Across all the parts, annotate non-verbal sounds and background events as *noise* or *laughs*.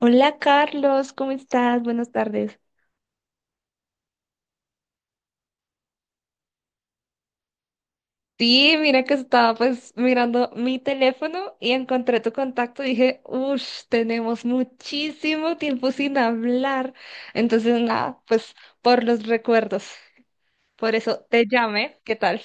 Hola Carlos, ¿cómo estás? Buenas tardes. Sí, mira que estaba mirando mi teléfono y encontré tu contacto y dije, uff, tenemos muchísimo tiempo sin hablar. Entonces, nada, pues por los recuerdos. Por eso te llamé, ¿qué tal?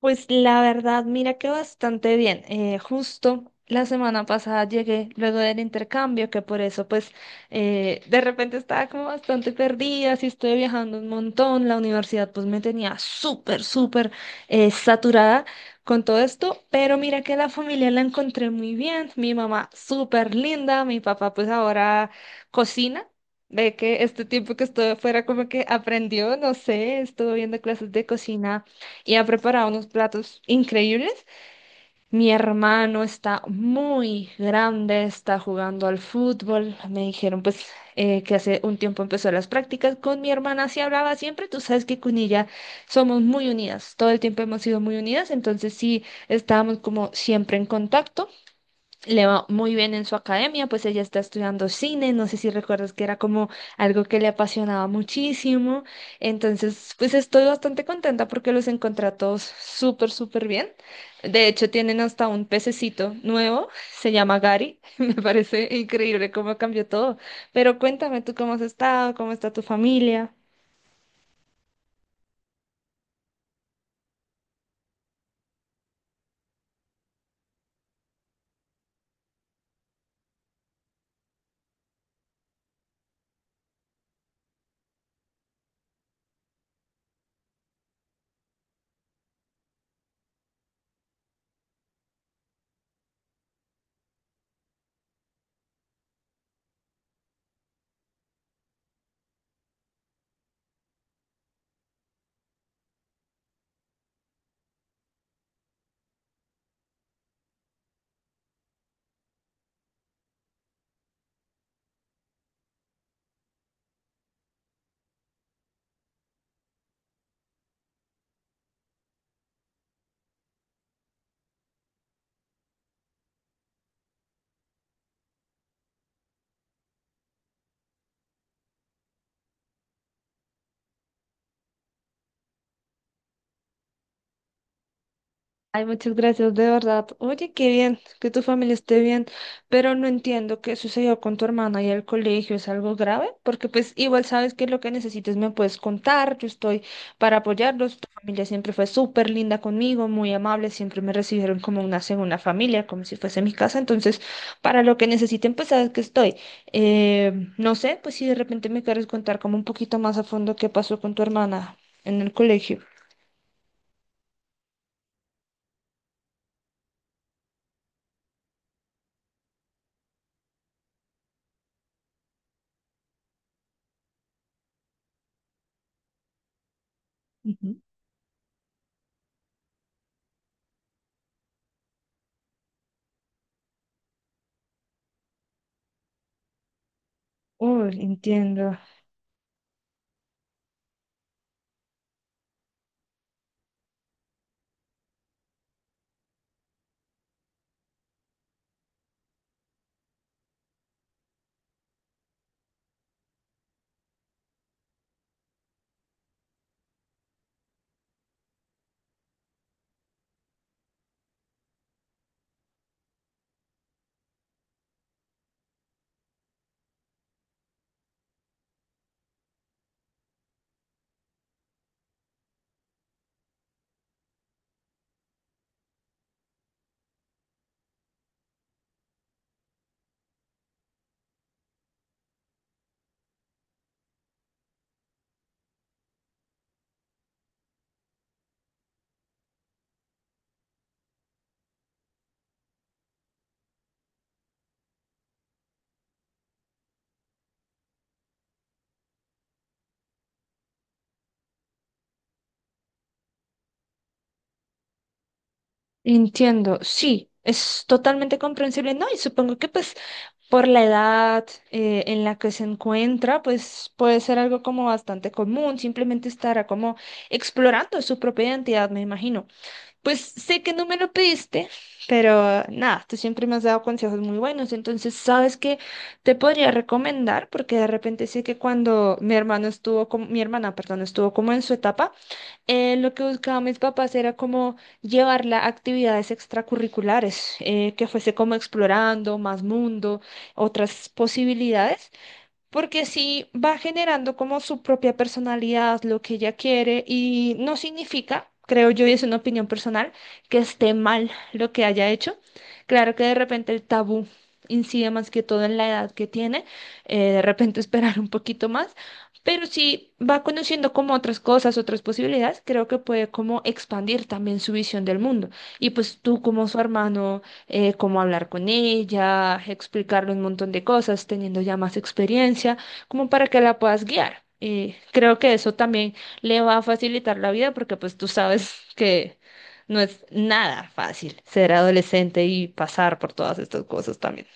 Pues la verdad, mira que bastante bien. Justo la semana pasada llegué luego del intercambio, que por eso de repente estaba como bastante perdida, sí estoy viajando un montón, la universidad pues me tenía súper, súper saturada con todo esto, pero mira que la familia la encontré muy bien, mi mamá súper linda, mi papá pues ahora cocina. Ve que este tiempo que estuve fuera como que aprendió, no sé, estuvo viendo clases de cocina y ha preparado unos platos increíbles. Mi hermano está muy grande, está jugando al fútbol. Me dijeron que hace un tiempo empezó las prácticas. Con mi hermana sí hablaba siempre, tú sabes que con ella somos muy unidas, todo el tiempo hemos sido muy unidas, entonces sí estábamos como siempre en contacto. Le va muy bien en su academia, pues ella está estudiando cine, no sé si recuerdas que era como algo que le apasionaba muchísimo, entonces pues estoy bastante contenta porque los encontré a todos súper, súper bien. De hecho, tienen hasta un pececito nuevo, se llama Gary, *laughs* me parece increíble cómo cambió todo, pero cuéntame tú cómo has estado, cómo está tu familia. Ay, muchas gracias, de verdad. Oye, qué bien que tu familia esté bien, pero no entiendo qué sucedió con tu hermana y el colegio. ¿Es algo grave? Porque pues igual sabes que lo que necesites me puedes contar. Yo estoy para apoyarlos. Tu familia siempre fue súper linda conmigo, muy amable. Siempre me recibieron como una segunda familia, como si fuese mi casa. Entonces, para lo que necesiten, pues sabes que estoy. Eh, no sé, pues si de repente me quieres contar como un poquito más a fondo qué pasó con tu hermana en el colegio. Ujú. Uy, entiendo. Entiendo, sí, es totalmente comprensible, ¿no? Y supongo que pues por la edad en la que se encuentra, pues puede ser algo como bastante común, simplemente estará como explorando su propia identidad, me imagino. Pues sé que no me lo pediste, pero nada, tú siempre me has dado consejos muy buenos, entonces sabes que te podría recomendar, porque de repente sé que cuando mi hermano estuvo como, mi hermana, perdón, estuvo como en su etapa, lo que buscaban mis papás era como llevarla a actividades extracurriculares, que fuese como explorando más mundo, otras posibilidades. Porque sí va generando como su propia personalidad, lo que ella quiere, y no significa, creo yo, y es una opinión personal, que esté mal lo que haya hecho. Claro que de repente el tabú incide más que todo en la edad que tiene, de repente *laughs* esperar un poquito más, pero si va conociendo como otras cosas, otras posibilidades, creo que puede como expandir también su visión del mundo. Y pues tú como su hermano cómo hablar con ella, explicarle un montón de cosas, teniendo ya más experiencia, como para que la puedas guiar. Y creo que eso también le va a facilitar la vida porque pues tú sabes *laughs* que no es nada fácil ser adolescente y pasar por todas estas cosas también.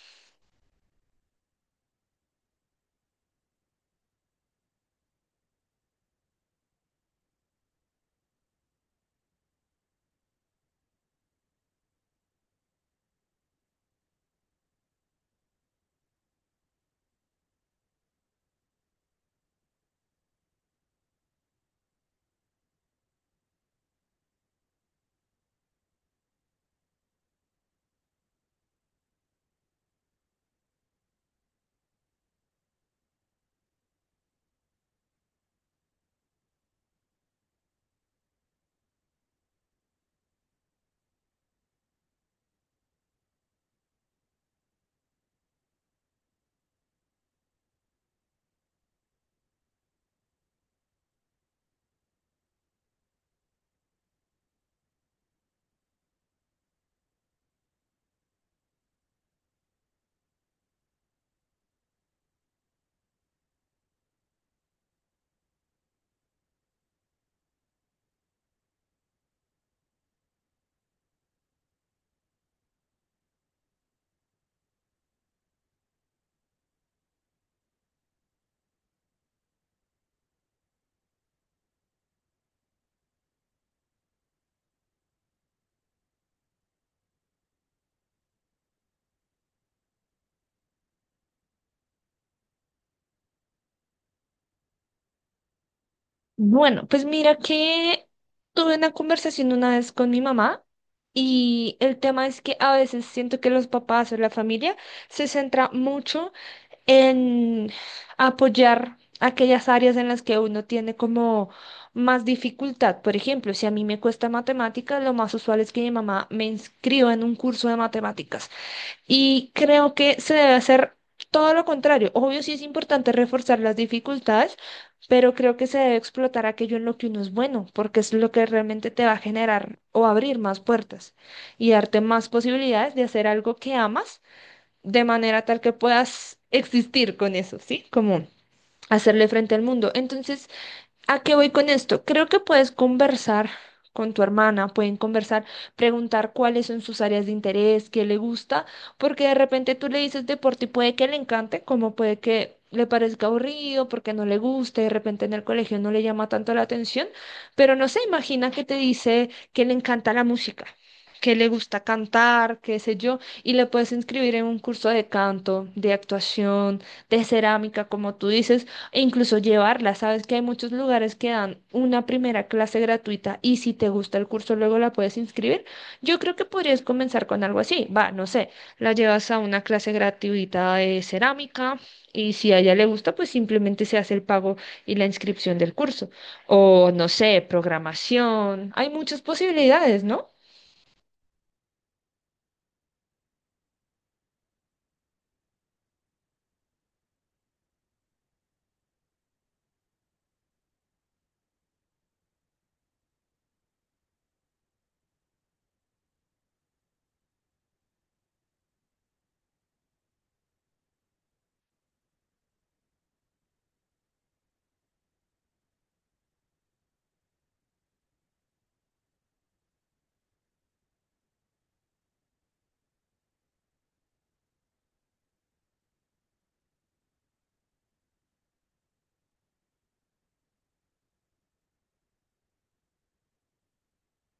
Bueno, pues mira que tuve una conversación una vez con mi mamá y el tema es que a veces siento que los papás o la familia se centra mucho en apoyar aquellas áreas en las que uno tiene como más dificultad. Por ejemplo, si a mí me cuesta matemáticas, lo más usual es que mi mamá me inscriba en un curso de matemáticas. Y creo que se debe hacer todo lo contrario. Obvio, sí es importante reforzar las dificultades, pero creo que se debe explotar aquello en lo que uno es bueno, porque es lo que realmente te va a generar o abrir más puertas y darte más posibilidades de hacer algo que amas de manera tal que puedas existir con eso, ¿sí? Como hacerle frente al mundo. Entonces, ¿a qué voy con esto? Creo que puedes conversar con tu hermana, pueden conversar, preguntar cuáles son sus áreas de interés, qué le gusta, porque de repente tú le dices deporte y puede que le encante, como puede que le parezca aburrido, porque no le guste, de repente en el colegio no le llama tanto la atención, pero no se imagina que te dice que le encanta la música, que le gusta cantar, qué sé yo, y le puedes inscribir en un curso de canto, de actuación, de cerámica, como tú dices e incluso llevarla. Sabes que hay muchos lugares que dan una primera clase gratuita y si te gusta el curso luego la puedes inscribir. Yo creo que podrías comenzar con algo así. Va, no sé, la llevas a una clase gratuita de cerámica y si a ella le gusta, pues simplemente se hace el pago y la inscripción del curso. O no sé, programación. Hay muchas posibilidades, ¿no?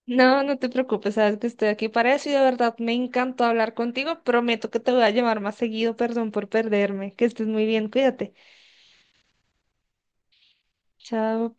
No, no te preocupes, sabes que estoy aquí para eso y de verdad me encantó hablar contigo. Prometo que te voy a llamar más seguido, perdón por perderme. Que estés muy bien, cuídate. Chao.